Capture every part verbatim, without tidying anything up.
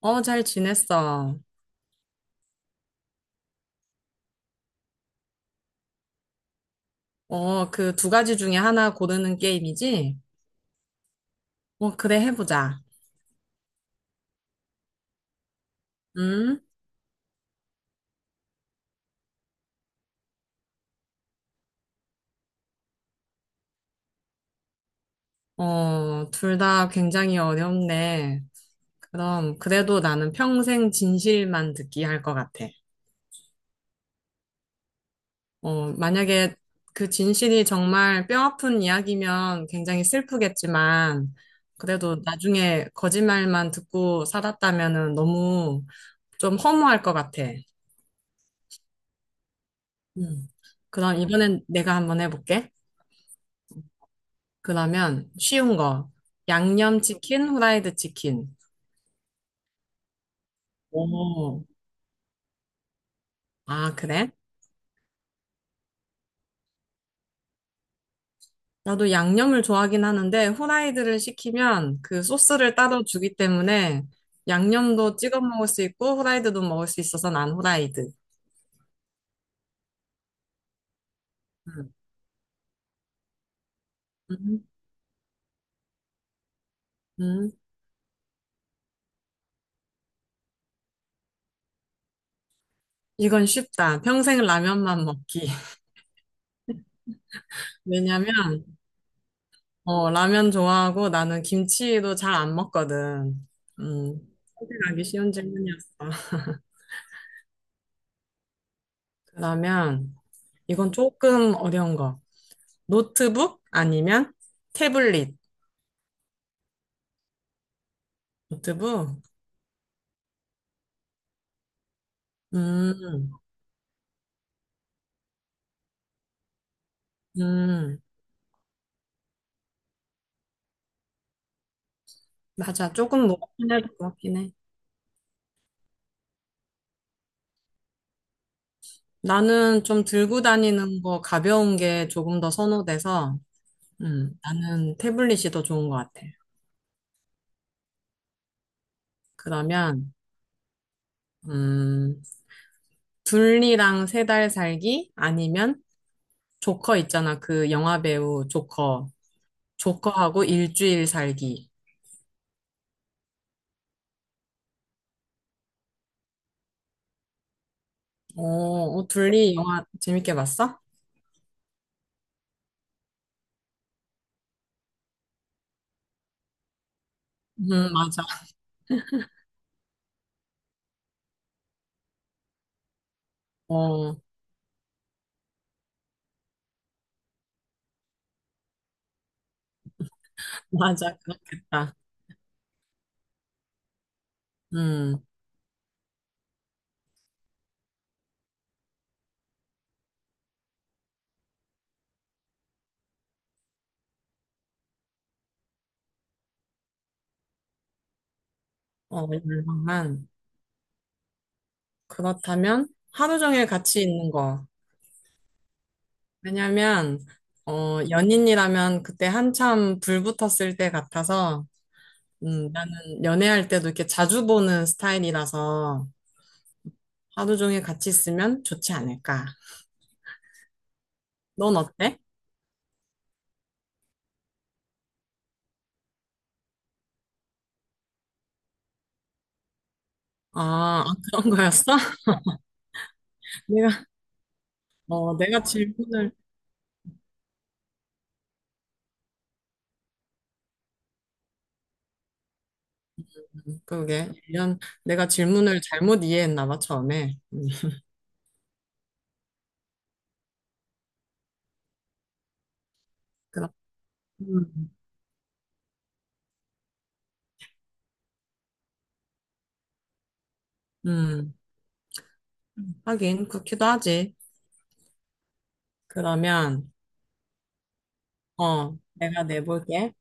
어, 잘 지냈어. 어, 그 두 가지 중에 하나 고르는 게임이지? 어, 그래, 해보자. 음? 어, 둘 다 굉장히 어렵네. 그럼, 그래도 나는 평생 진실만 듣기 할 것 같아. 어, 만약에 그 진실이 정말 뼈아픈 이야기면 굉장히 슬프겠지만, 그래도 나중에 거짓말만 듣고 살았다면은 너무 좀 허무할 것 같아. 음. 그럼 이번엔 내가 한번 해볼게. 그러면 쉬운 거. 양념치킨, 후라이드 치킨. 오. 아, 그래? 나도 양념을 좋아하긴 하는데, 후라이드를 시키면 그 소스를 따로 주기 때문에 양념도 찍어 먹을 수 있고, 후라이드도 먹을 수 있어서 난 후라이드. 음, 음, 음. 이건 쉽다. 평생 라면만 먹기. 왜냐면, 어, 라면 좋아하고 나는 김치도 잘 안 먹거든. 음, 선택하기 쉬운 질문이었어. 그러면 이건 조금 어려운 거. 노트북 아니면 태블릿. 노트북? 음, 음, 맞아. 조금 무겁긴 해도 긴 해. 나는 좀 들고 다니는 거 가벼운 게 조금 더 선호돼서, 음, 나는 태블릿이 더 좋은 것 같아. 그러면, 음, 둘리랑 세달 살기 아니면 조커 있잖아. 그 영화 배우 조커. 조커하고 일주일 살기. 어, 어, 둘리 영화 재밌게 봤어? 음, 맞아. 어, 맞아, 그렇겠다. 음, 어, 열방만. 그렇다면 하루 종일 같이 있는 거. 왜냐면, 어, 연인이라면 그때 한참 불 붙었을 때 같아서, 음, 나는 연애할 때도 이렇게 자주 보는 스타일이라서 하루 종일 같이 있으면 좋지 않을까. 넌 어때? 아, 아, 그런 거였어? 내가, 어, 내가 질문을, 그러게, 이런, 내가 질문을 잘못 이해했나 봐, 처음에. 그렇, 음, 음, 하긴, 그렇기도 하지. 그러면, 어, 내가 내볼게.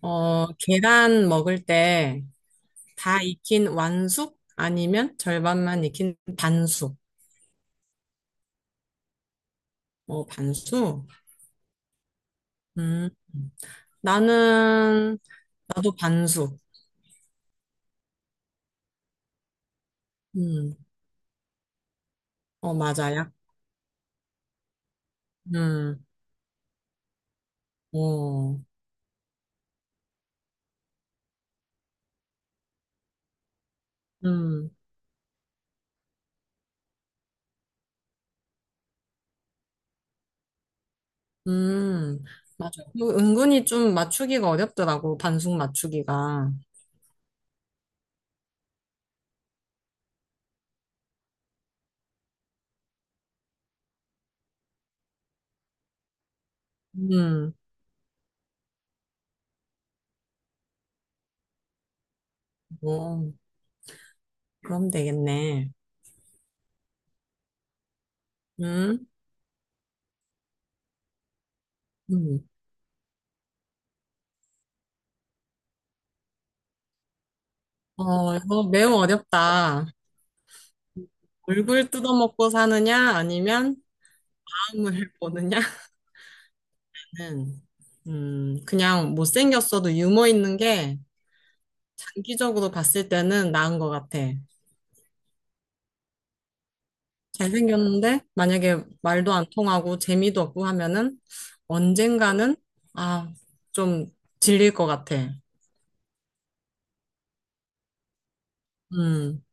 어, 계란 먹을 때 다 익힌 완숙? 아니면 절반만 익힌 반숙? 어, 반숙? 음, 나는, 나도 반숙. 음, 어, 맞아요. 음, 어, 음, 음, 맞아. 그 은근히 좀 맞추기가 어렵더라고, 반숙 맞추기가. 음, 어, 그럼 되겠네. 음, 음. 어, 이거 매우 어렵다. 얼굴 뜯어먹고 사느냐, 아니면 마음을 보느냐? 는 음, 그냥 못생겼어도 유머 있는 게 장기적으로 봤을 때는 나은 것 같아. 잘생겼는데, 만약에 말도 안 통하고 재미도 없고 하면은 언젠가는, 아, 좀 질릴 것 같아. 음,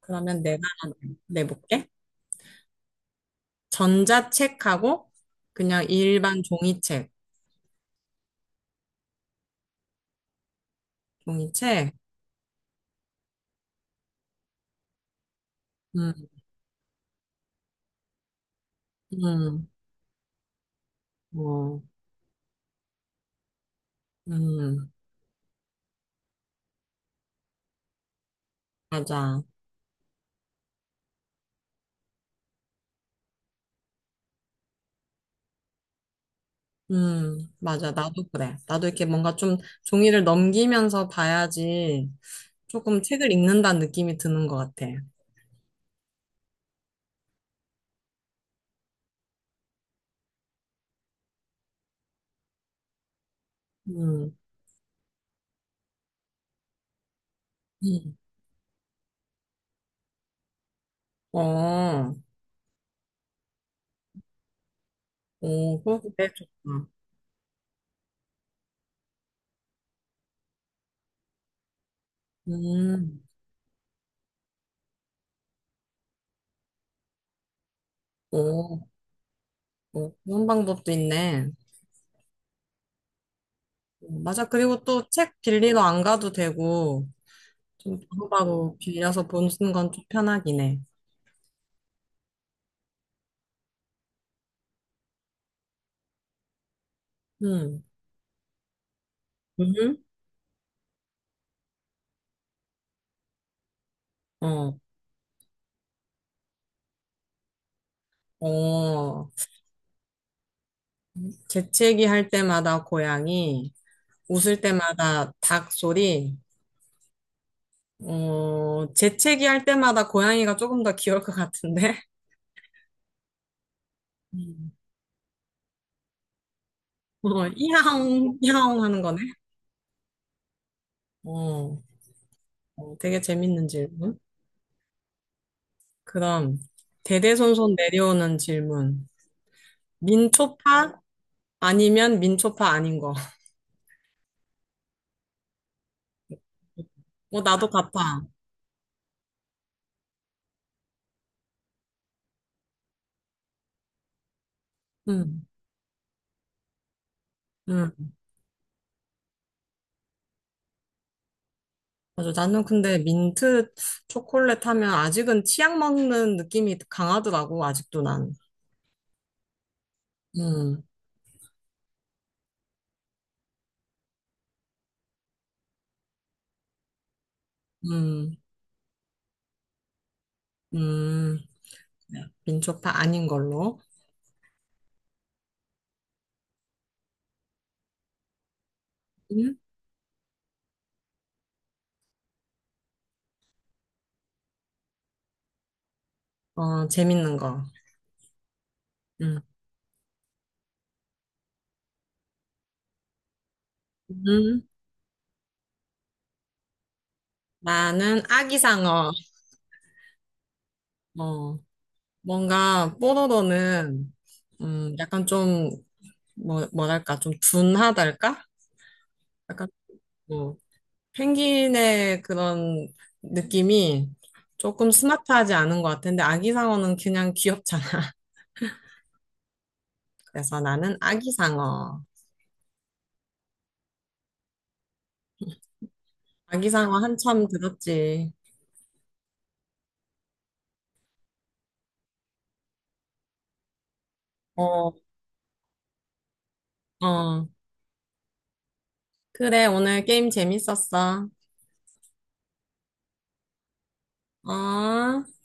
그러면 내가 하나 내볼게. 전자책하고 그냥 일반 종이책. 종이책? 음, 음. 어, 음, 맞아. 음, 맞아. 나도 그래. 나도 이렇게 뭔가 좀 종이를 넘기면서 봐야지 조금 책을 읽는다는 느낌이 드는 것 같아. 음, 음. 어, 오, 그거 되게 좋다. 음, 오, 오, 그런 방법도 있네. 음, 맞아. 그리고 또 책 빌리러 안 가도 되고, 좀 바로바로 빌려서 보는 건 좀 편하긴 해. 음, 음, 어, 어. 재채기 할 때마다 고양이, 웃을 때마다 닭 소리, 어, 재채기 할 때마다 고양이가 조금 더 귀여울 것 같은데? 음. 어, 이하옹, 이하옹 하는 거네? 어, 어, 되게 재밌는 질문. 그럼, 대대손손 내려오는 질문. 민초파? 아니면 민초파 아닌 거. 어, 나도 같아. 응, 응. 맞아. 나는 근데 민트 초콜릿 하면 아직은 치약 먹는 느낌이 강하더라고, 아직도 난. 음, 음, 음. 민초파 아닌 걸로. 음? 어, 재밌는 거. 음. 음. 나는 아기상어. 어, 뭔가 뽀로로는 음, 약간 좀 뭐, 뭐랄까 좀 둔하달까? 약간 뭐 펭귄의 그런 느낌이 조금 스마트하지 않은 것 같은데 아기상어는 그냥 귀엽잖아. 그래서 나는 아기상어. 아기상어 한참 들었지. 어, 어. 그래, 오늘 게임 재밌었어. 어?